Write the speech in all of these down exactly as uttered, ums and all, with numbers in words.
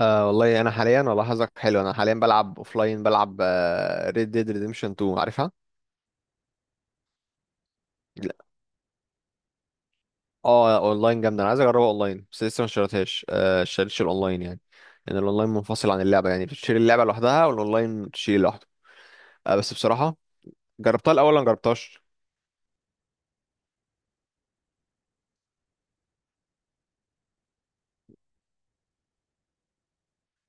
آه، والله انا حاليا، والله حظك حلو. انا حاليا بلعب اوفلاين، بلعب ريد ديد ريديمشن تو. عارفها؟ لا. اه اونلاين جامده، انا عايز اجربها اونلاين بس لسه ما اشتريتهاش. آه، اشتريتش الاونلاين يعني، لان الاونلاين منفصل عن اللعبه، يعني بتشتري اللعبه لوحدها والاونلاين تشتري لوحده. آه بس بصراحه، جربتها الاول ولا ما جربتهاش؟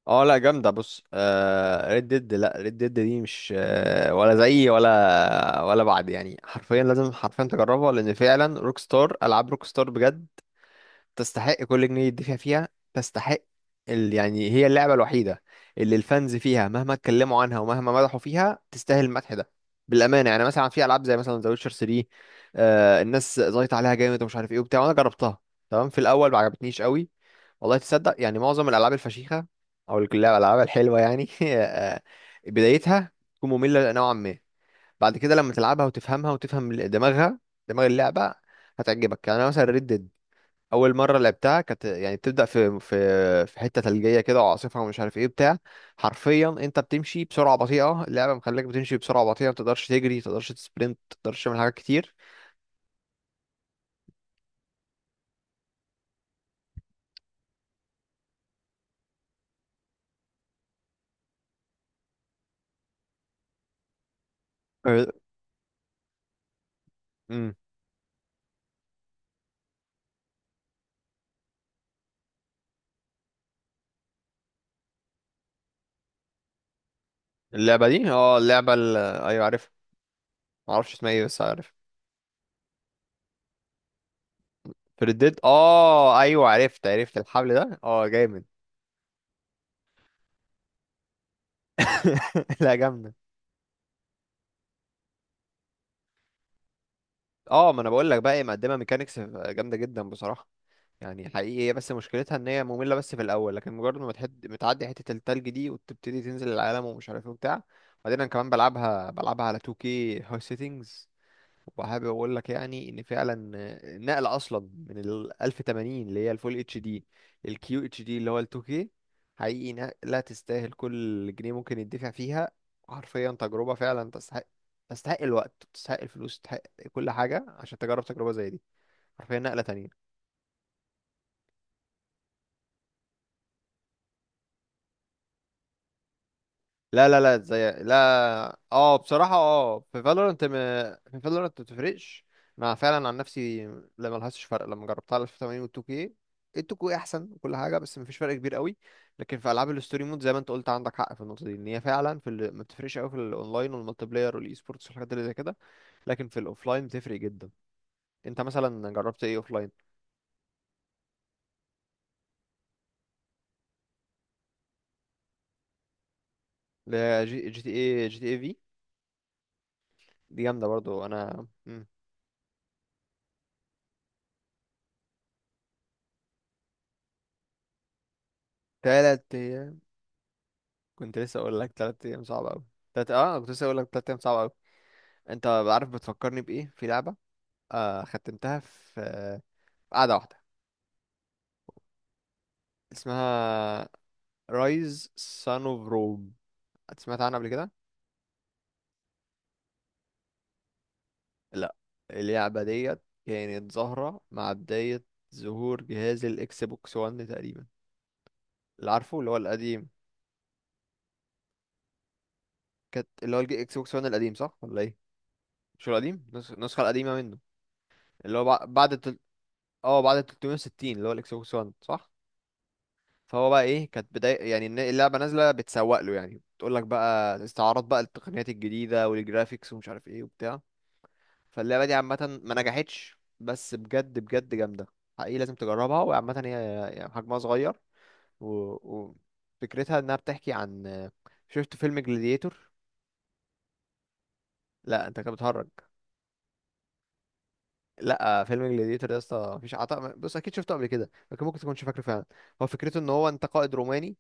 اه لا جامده. بص، آه ريد ديد، لا ريد ديد دي مش آه ولا زي، ولا ولا بعد، يعني حرفيا لازم حرفيا تجربها. لان فعلا روك ستار، العاب روك ستار بجد تستحق كل جنيه يدفع فيها. تستحق، ال... يعني هي اللعبة الوحيدة اللي الفانز فيها مهما اتكلموا عنها ومهما مدحوا فيها تستاهل المدح ده بالأمانة. يعني مثلا في ألعاب زي مثلا ذا ويتشر تلاتة، آه الناس زايطة عليها جامد ومش عارف ايه وبتاع، وأنا جربتها. تمام، في الأول ما عجبتنيش قوي. والله تصدق؟ يعني معظم الألعاب الفشيخة أو ال- الألعاب الحلوة يعني، آه، بدايتها تكون مملة نوعا ما. بعد كده لما تلعبها وتفهمها وتفهم دماغها، دماغ اللعبة، هتعجبك. يعني أنا مثلا ريد، اول مره لعبتها كانت يعني بتبدا في في في حته ثلجيه كده وعاصفه ومش عارف ايه بتاع. حرفيا انت بتمشي بسرعه بطيئه، اللعبه مخليك بتمشي بسرعه بطيئه، ما تقدرش تجري، ما تقدرش تسبرنت، ما تقدرش تعمل حاجات كتير. أه، امم اللعبه دي، اه اللعبه، ال... ايوه عارفها. ما اعرفش اسمها ايه بس عارف. ديد، اه ايوه، عرفت عرفت الحبل ده، اه جامد. لا جامده. اه، ما انا بقول لك بقى، هي مقدمه ميكانيكس جامده جدا بصراحه. يعني حقيقي هي بس مشكلتها ان هي مملة بس في الاول، لكن مجرد ما تحد متعدي حتة التلج دي وتبتدي تنزل العالم ومش عارف ايه وبتاع. بعدين انا كمان بلعبها، بلعبها على تو كيه هاي سيتنجز، وحابب اقول لك يعني ان فعلا النقل اصلا من ال ألف وثمانين اللي هي الفول اتش دي، للكيو اتش دي اللي هو ال تو كيه، حقيقي نقلة تستاهل كل جنيه ممكن يدفع فيها. حرفيا تجربة فعلا تستحق. تستحق الوقت، تستحق الفلوس، تستحق كل حاجة عشان تجرب تجربة زي دي. حرفيا نقلة تانية. لا لا لا، زي لا. اه بصراحة، اه في فالورنت، م... في فالورنت ما بتفرقش. انا فعلا عن نفسي لا، ملهاش فرق لما جربتها على ألف وثمانين و تو كيه. ال تو كيه احسن وكل حاجة بس مفيش فرق كبير قوي. لكن في العاب الستوري مود زي ما انت قلت، عندك حق في النقطة دي، ان هي فعلا في ال، ما بتفرقش قوي في الاونلاين والمالتي بلاير والاي سبورتس والحاجات اللي زي كده، لكن في الاوفلاين بتفرق جدا. انت مثلا جربت ايه اوفلاين؟ ل- جي جي تي اي، جي تي اي في، دي جامدة برضو انا. مم. تلات، كنت لسه اقول لك تلات ايام صعبه قوي. تلات، اه كنت لسه اقول لك تلات ايام صعبه قوي. انت عارف بتفكرني بايه؟ في لعبه آه ختمتها في، آه، في قعده واحده. اسمها رايز سان اوف روم. سمعت عنها قبل كده؟ لا. اللعبه ديت كانت ظاهره مع بدايه ظهور جهاز الاكس بوكس ون تقريبا، اللي عارفه اللي هو القديم. كانت اللي هو الاكس بوكس واحد القديم صح ولا ايه؟ مش القديم، النسخه القديمه منه. اللي هو بع- بعد التل- اه بعد ثري ستي اللي هو الاكس بوكس ون صح. فهو بقى ايه؟ كانت بداية، يعني الن- اللعبة نازلة بتسوق له، يعني بتقول لك بقى استعارات بقى التقنيات الجديدة والجرافيكس ومش عارف ايه وبتاع. فاللعبة دي عامة ما نجحتش، بس بجد بجد جامدة. حقيقي لازم تجربها، وعامة هي يعني حجمها صغير. و، وفكرتها انها بتحكي عن، شفت فيلم جلاديتور؟ لا، انت كده بتهرج. لا فيلم جلاديتور ده يا اسطى مفيش عطاء، بص اكيد شفته قبل كده لكن ممكن تكونش فاكره فعلا. هو فكرته ان هو انت قائد روماني،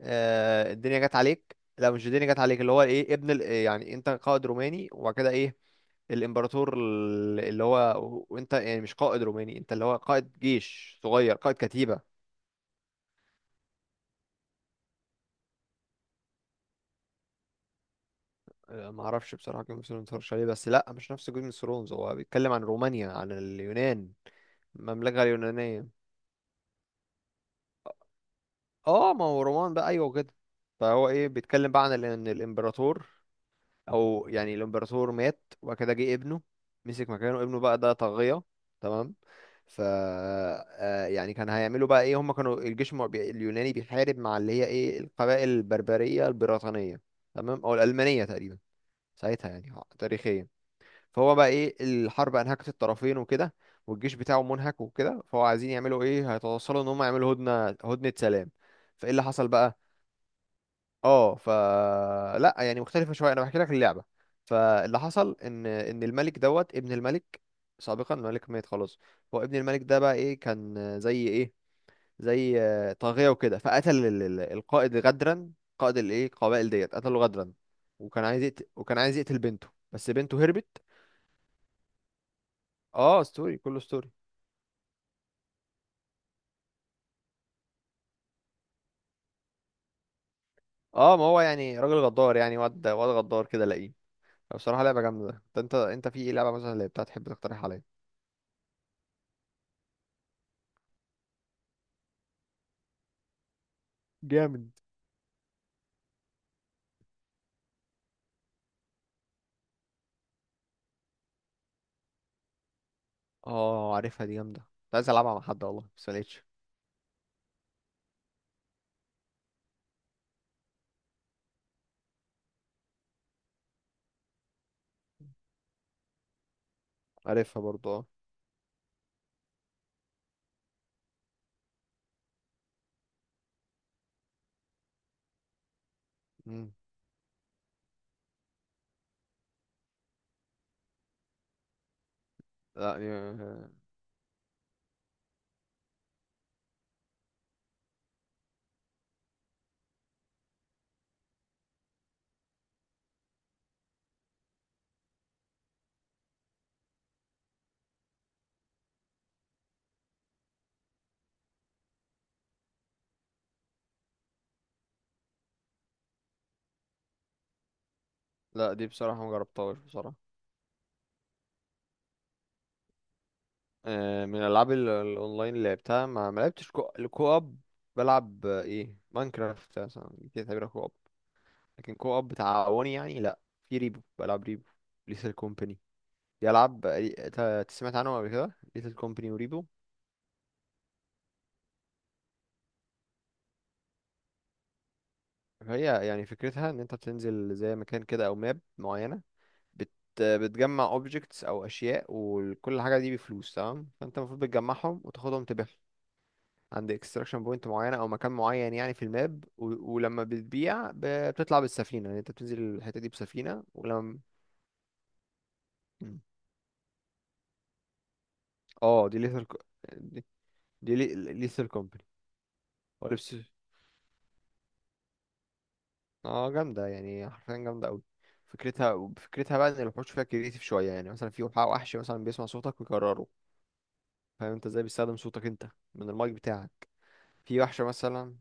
آه، الدنيا جت عليك، لا مش الدنيا جت عليك، اللي هو ايه، ابن ال، يعني انت قائد روماني وبعد كده ايه الامبراطور ال- اللي هو، وانت يعني مش قائد روماني، انت اللي هو قائد جيش صغير، قائد كتيبة. آه، ما اعرفش بصراحة جيم اوف ثرونز اتفرجش عليه، بس لا مش نفس جيم اوف ثرونز، هو بيتكلم عن رومانيا، عن اليونان. المملكة اليونانية. اه ما هو رومان بقى ايوه كده. فهو ايه بيتكلم بقى عن ال- ان الامبراطور، او يعني الامبراطور مات وبعد كده جه ابنه مسك مكانه، ابنه بقى ده طاغية. تمام. ف آه، يعني كان هيعملوا بقى ايه؟ هم كانوا الجيش المع- بي- اليوناني بيحارب مع اللي هي ايه القبائل البربرية البريطانية، تمام، او الألمانية تقريبا ساعتها. يعني ه- تاريخيا. فهو بقى ايه؟ الحرب انهكت الطرفين وكده، والجيش بتاعه منهك وكده، فهو عايزين يعملوا ايه؟ هيتوصلوا ان هم يعملوا هدنة، هدنة سلام. فايه اللي حصل بقى؟ اه ف لا يعني مختلفه شويه، انا بحكي لك اللعبه. فاللي حصل ان ان الملك، دوت ابن الملك سابقا، الملك مات خلاص، هو ابن الملك ده بقى ايه كان زي ايه، زي آه، طاغيه وكده، فقتل ال- ال- القائد غدرا، قائد الايه القبائل ديت قتله غدرا. وكان عايز يقتل، وكان عايز يقتل بنته، بس بنته هربت. اه ستوري، كله ستوري. اه ما هو يعني راجل غدار يعني، واد واد غدار كده لاقيه. بصراحه لعبه جامده. ده انت، انت في ايه لعبه مثلا اللي بتاعت تحب تقترح عليا؟ جامد. اه عارفها دي جامدة، كنت عايز العبها مع حد والله بس ملقتش. عارفها برضو اه. مم. لا دي. لا دي بصراحة ما جربتهاش بصراحة. آه، من الالعاب ال- الاونلاين اللي لعبتها، ما ما لعبتش كو، الكو اب. بلعب آه، ايه، ماينكرافت مثلا دي تعتبرها كو اب، لكن كو اب تعاوني يعني لا. في ريبو، بلعب ريبو، ليتل كومباني. دي العاب آه، إيه، ت- أنت سمعت عنهم قبل كده؟ ليتل كومباني وريبو. هي يعني فكرتها ان انت بتنزل زي مكان كده او ماب معينة، بت بتجمع اوبجكتس او اشياء، وكل حاجه دي بفلوس تمام، فانت المفروض بتجمعهم وتاخدهم تبيعهم عند اكستراكشن بوينت معينه او مكان معين يعني في الماب. و، ولما بتبيع، ب... بتطلع بالسفينه، يعني انت بتنزل الحته دي بسفينه، ولما، مم. اه دي ليثر، دي دي ليثر كومباني. ولبس، اه جامده يعني حرفيا جامده قوي. فكرتها، فكرتها بقى ان الوحوش فيها كريتيف شويه. يعني مثلا في وحش مثلا بيسمع صوتك ويكرره، فاهم انت ازاي؟ بيستخدم صوتك انت من المايك بتاعك. في وحشة مثلا،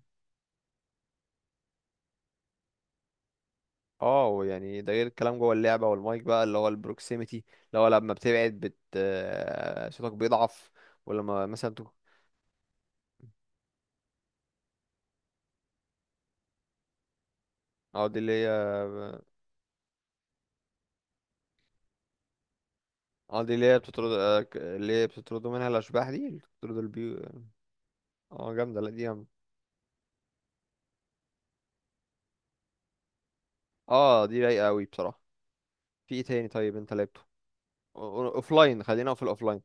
اه يعني ده غير الكلام جوه اللعبة والمايك بقى اللي هو البروكسيميتي، اللي هو لما بتبعد بت آه، صوتك بيضعف، ولما مثلا تك- اه دي اللي هي، اه دي اللي هي بتطرد، آه، ك- اللي هي بتطردوا منها الأشباح دي، اللي بتطرد البيو. اه جامدة لا دي جامدة. اه دي رايقة أوي بصراحة. في ايه تاني طيب انت لعبته لاين؟ خلينا في الأوفلاين.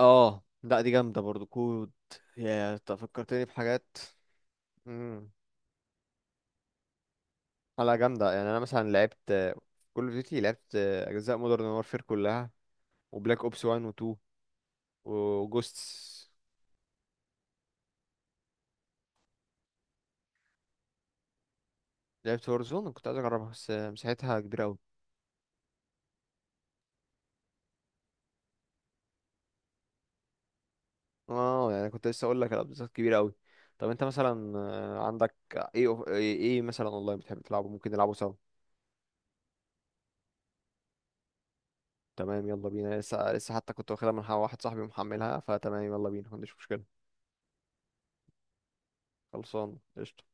اه لا دي جامدة برضو كود. يا انت فكرتني بحاجات. امم. على جامدة، يعني انا مثلا لعبت كل اوف ديوتي، لعبت اجزاء مودرن وارفير كلها، وبلاك اوبس ون و تو وجوستس. لعبت هورزون، كنت عايز اجربها بس مساحتها كبيره قوي. اه يعني كنت لسه اقول لك الابزات كبيره قوي. طب انت مثلا آه، عندك ايه، أوف- ايه إيه مثلا اونلاين بتحب تلعبه ممكن نلعبه سوا؟ تمام يلا بينا، لسه لسه حتى كنت واخدها من ح- واحد صاحبي ومحملها، فتمام يلا بينا ما عنديش مشكله. خلصان قشطه.